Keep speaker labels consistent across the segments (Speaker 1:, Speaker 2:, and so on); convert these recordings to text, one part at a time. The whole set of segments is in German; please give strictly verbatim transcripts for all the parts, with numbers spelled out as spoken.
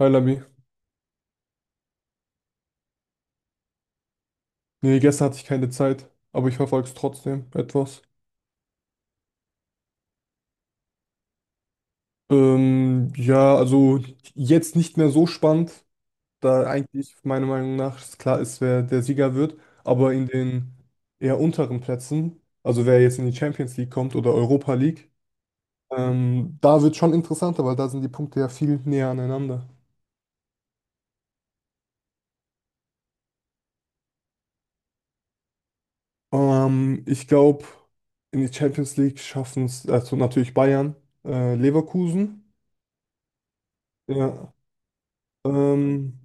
Speaker 1: Hi Lami. Nee, gestern hatte ich keine Zeit, aber ich verfolge es trotzdem etwas. Ähm, ja, also jetzt nicht mehr so spannend, da eigentlich meiner Meinung nach es klar ist, wer der Sieger wird, aber in den eher unteren Plätzen, also wer jetzt in die Champions League kommt oder Europa League, ähm, da wird schon interessanter, weil da sind die Punkte ja viel näher aneinander. Ähm, ich glaube, in die Champions League schaffen es also natürlich Bayern, äh, Leverkusen. Ja. Ähm,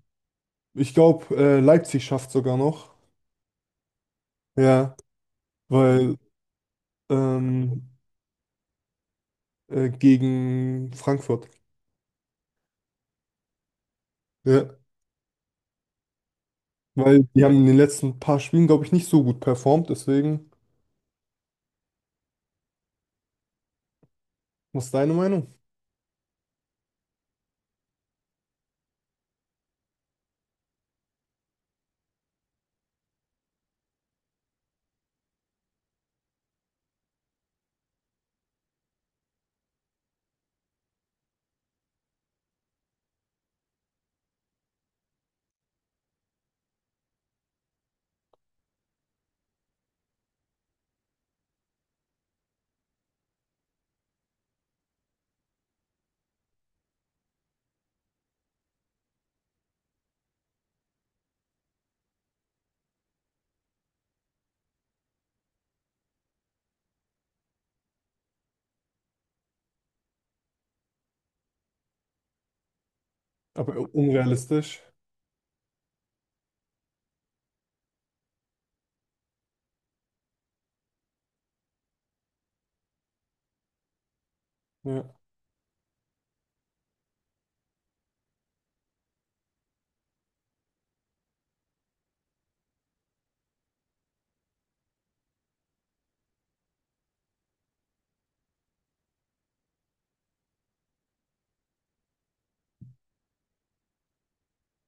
Speaker 1: Ich glaube, äh, Leipzig schafft sogar noch. Ja, weil ähm, äh, gegen Frankfurt. Ja, weil die haben in den letzten paar Spielen, glaube ich, nicht so gut performt. Deswegen, was ist deine Meinung? Aber unrealistisch. Ja.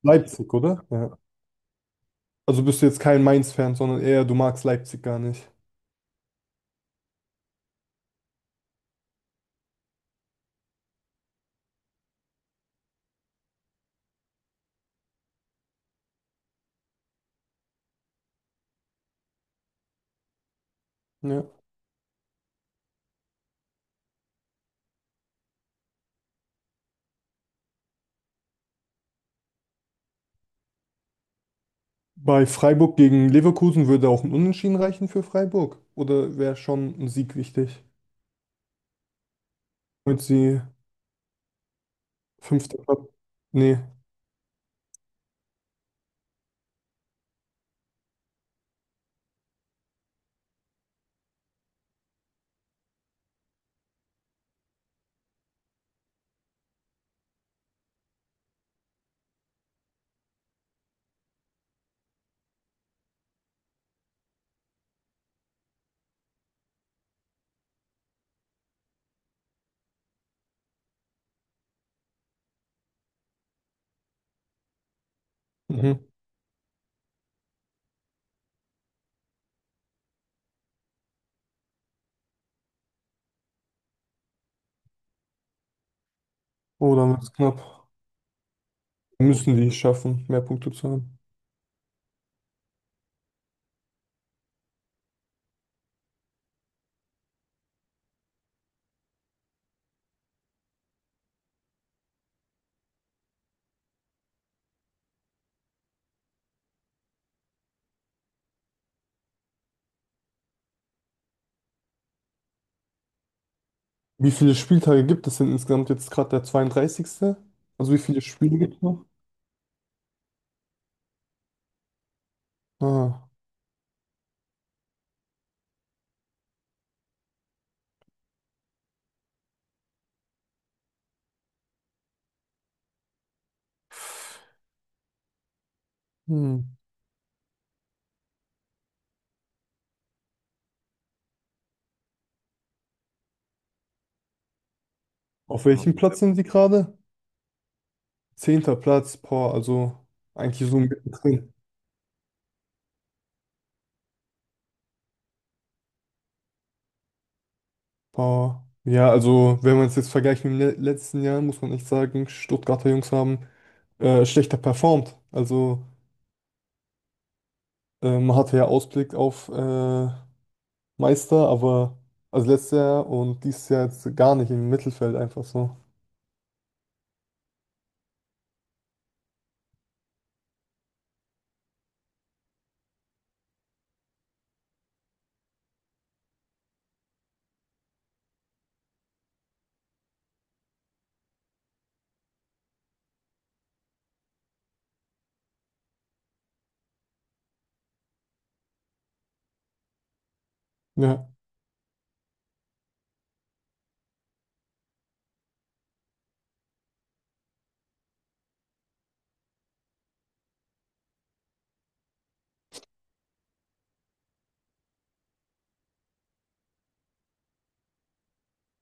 Speaker 1: Leipzig, oder? Ja. Also bist du jetzt kein Mainz-Fan, sondern eher du magst Leipzig gar nicht. Ja. Bei Freiburg gegen Leverkusen würde auch ein Unentschieden reichen für Freiburg. Oder wäre schon ein Sieg wichtig? Damit sie fünfter Platz. Nee. Mhm. Oh, dann wird es knapp. Müssen die es schaffen, mehr Punkte zu haben. Wie viele Spieltage gibt es denn insgesamt jetzt gerade der zweiunddreißigste.? Also wie viele Spiele gibt es noch? Ah, hm. Auf welchem Platz sind sie gerade? Zehnter Platz, boah, also eigentlich so mittendrin. Boah. Ja, also wenn man es jetzt vergleicht mit dem le letzten Jahr, muss man echt sagen, Stuttgarter Jungs haben äh, schlechter performt. Also äh, man hatte ja Ausblick auf äh, Meister, aber also letztes Jahr und dieses Jahr jetzt gar nicht im Mittelfeld einfach so. Ja.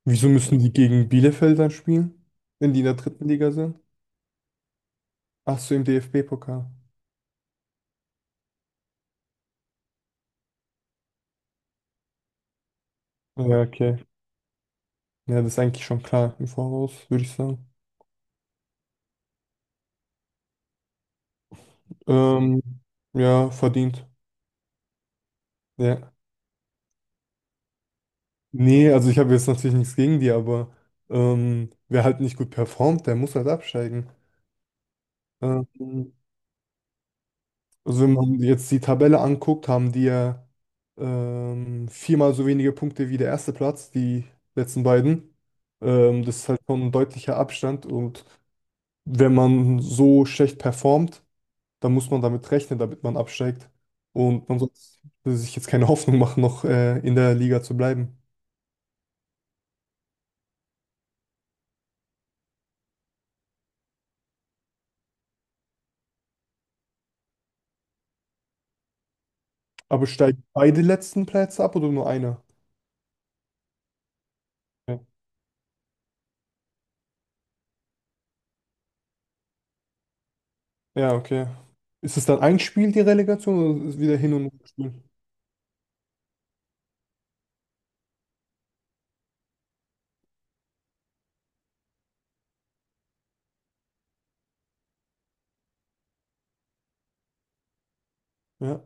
Speaker 1: Wieso müssen die gegen Bielefeld dann spielen, wenn die in der dritten Liga sind? Ach so, im D F B-Pokal. Ja, okay. Ja, das ist eigentlich schon klar im Voraus, würde ich sagen. Ähm, ja, verdient. Ja. Nee, also ich habe jetzt natürlich nichts gegen die, aber ähm, wer halt nicht gut performt, der muss halt absteigen. Ähm, also wenn man jetzt die Tabelle anguckt, haben die ja ähm, viermal so wenige Punkte wie der erste Platz, die letzten beiden. Ähm, das ist halt schon ein deutlicher Abstand und wenn man so schlecht performt, dann muss man damit rechnen, damit man absteigt. Und man sollte sich jetzt keine Hoffnung machen, noch äh, in der Liga zu bleiben. Aber steigen beide letzten Plätze ab oder nur einer? Ja, Ja, okay. Ist es dann ein Spiel, die Relegation, oder ist es wieder hin und her Spiel? Ja,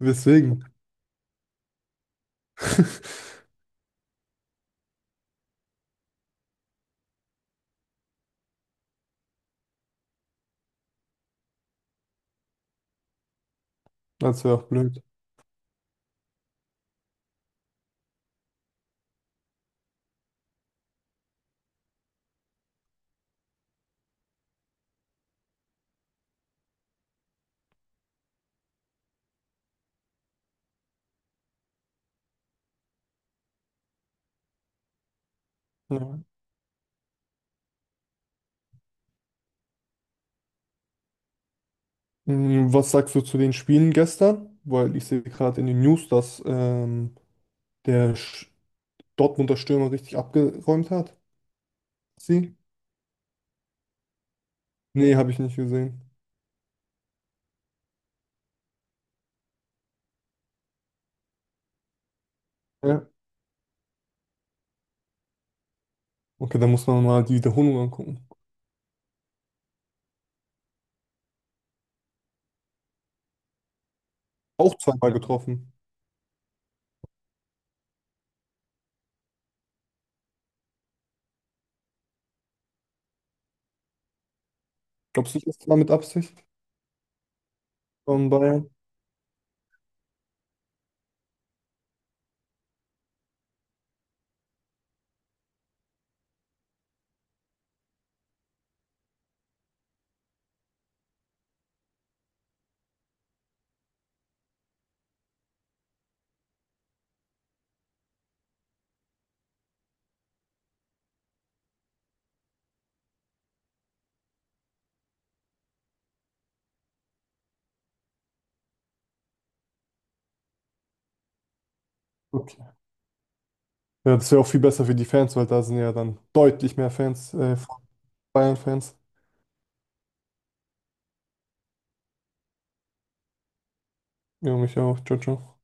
Speaker 1: weswegen? Das wäre auch blöd. Ja. Mm, was sagst du zu den Spielen gestern? Weil ich sehe gerade in den News, dass ähm, der Sch- Dortmunder Stürmer richtig abgeräumt hat. Sie? Nee, habe ich nicht gesehen. Ja. Okay, dann muss man mal die Wiederholung angucken. Auch zweimal getroffen. Glaubst du nicht, das war mit Absicht von Bayern? Okay. Ja, das wäre auch viel besser für die Fans, weil da sind ja dann deutlich mehr Fans, äh, von Bayern-Fans. Ja, mich auch. Ciao, ciao.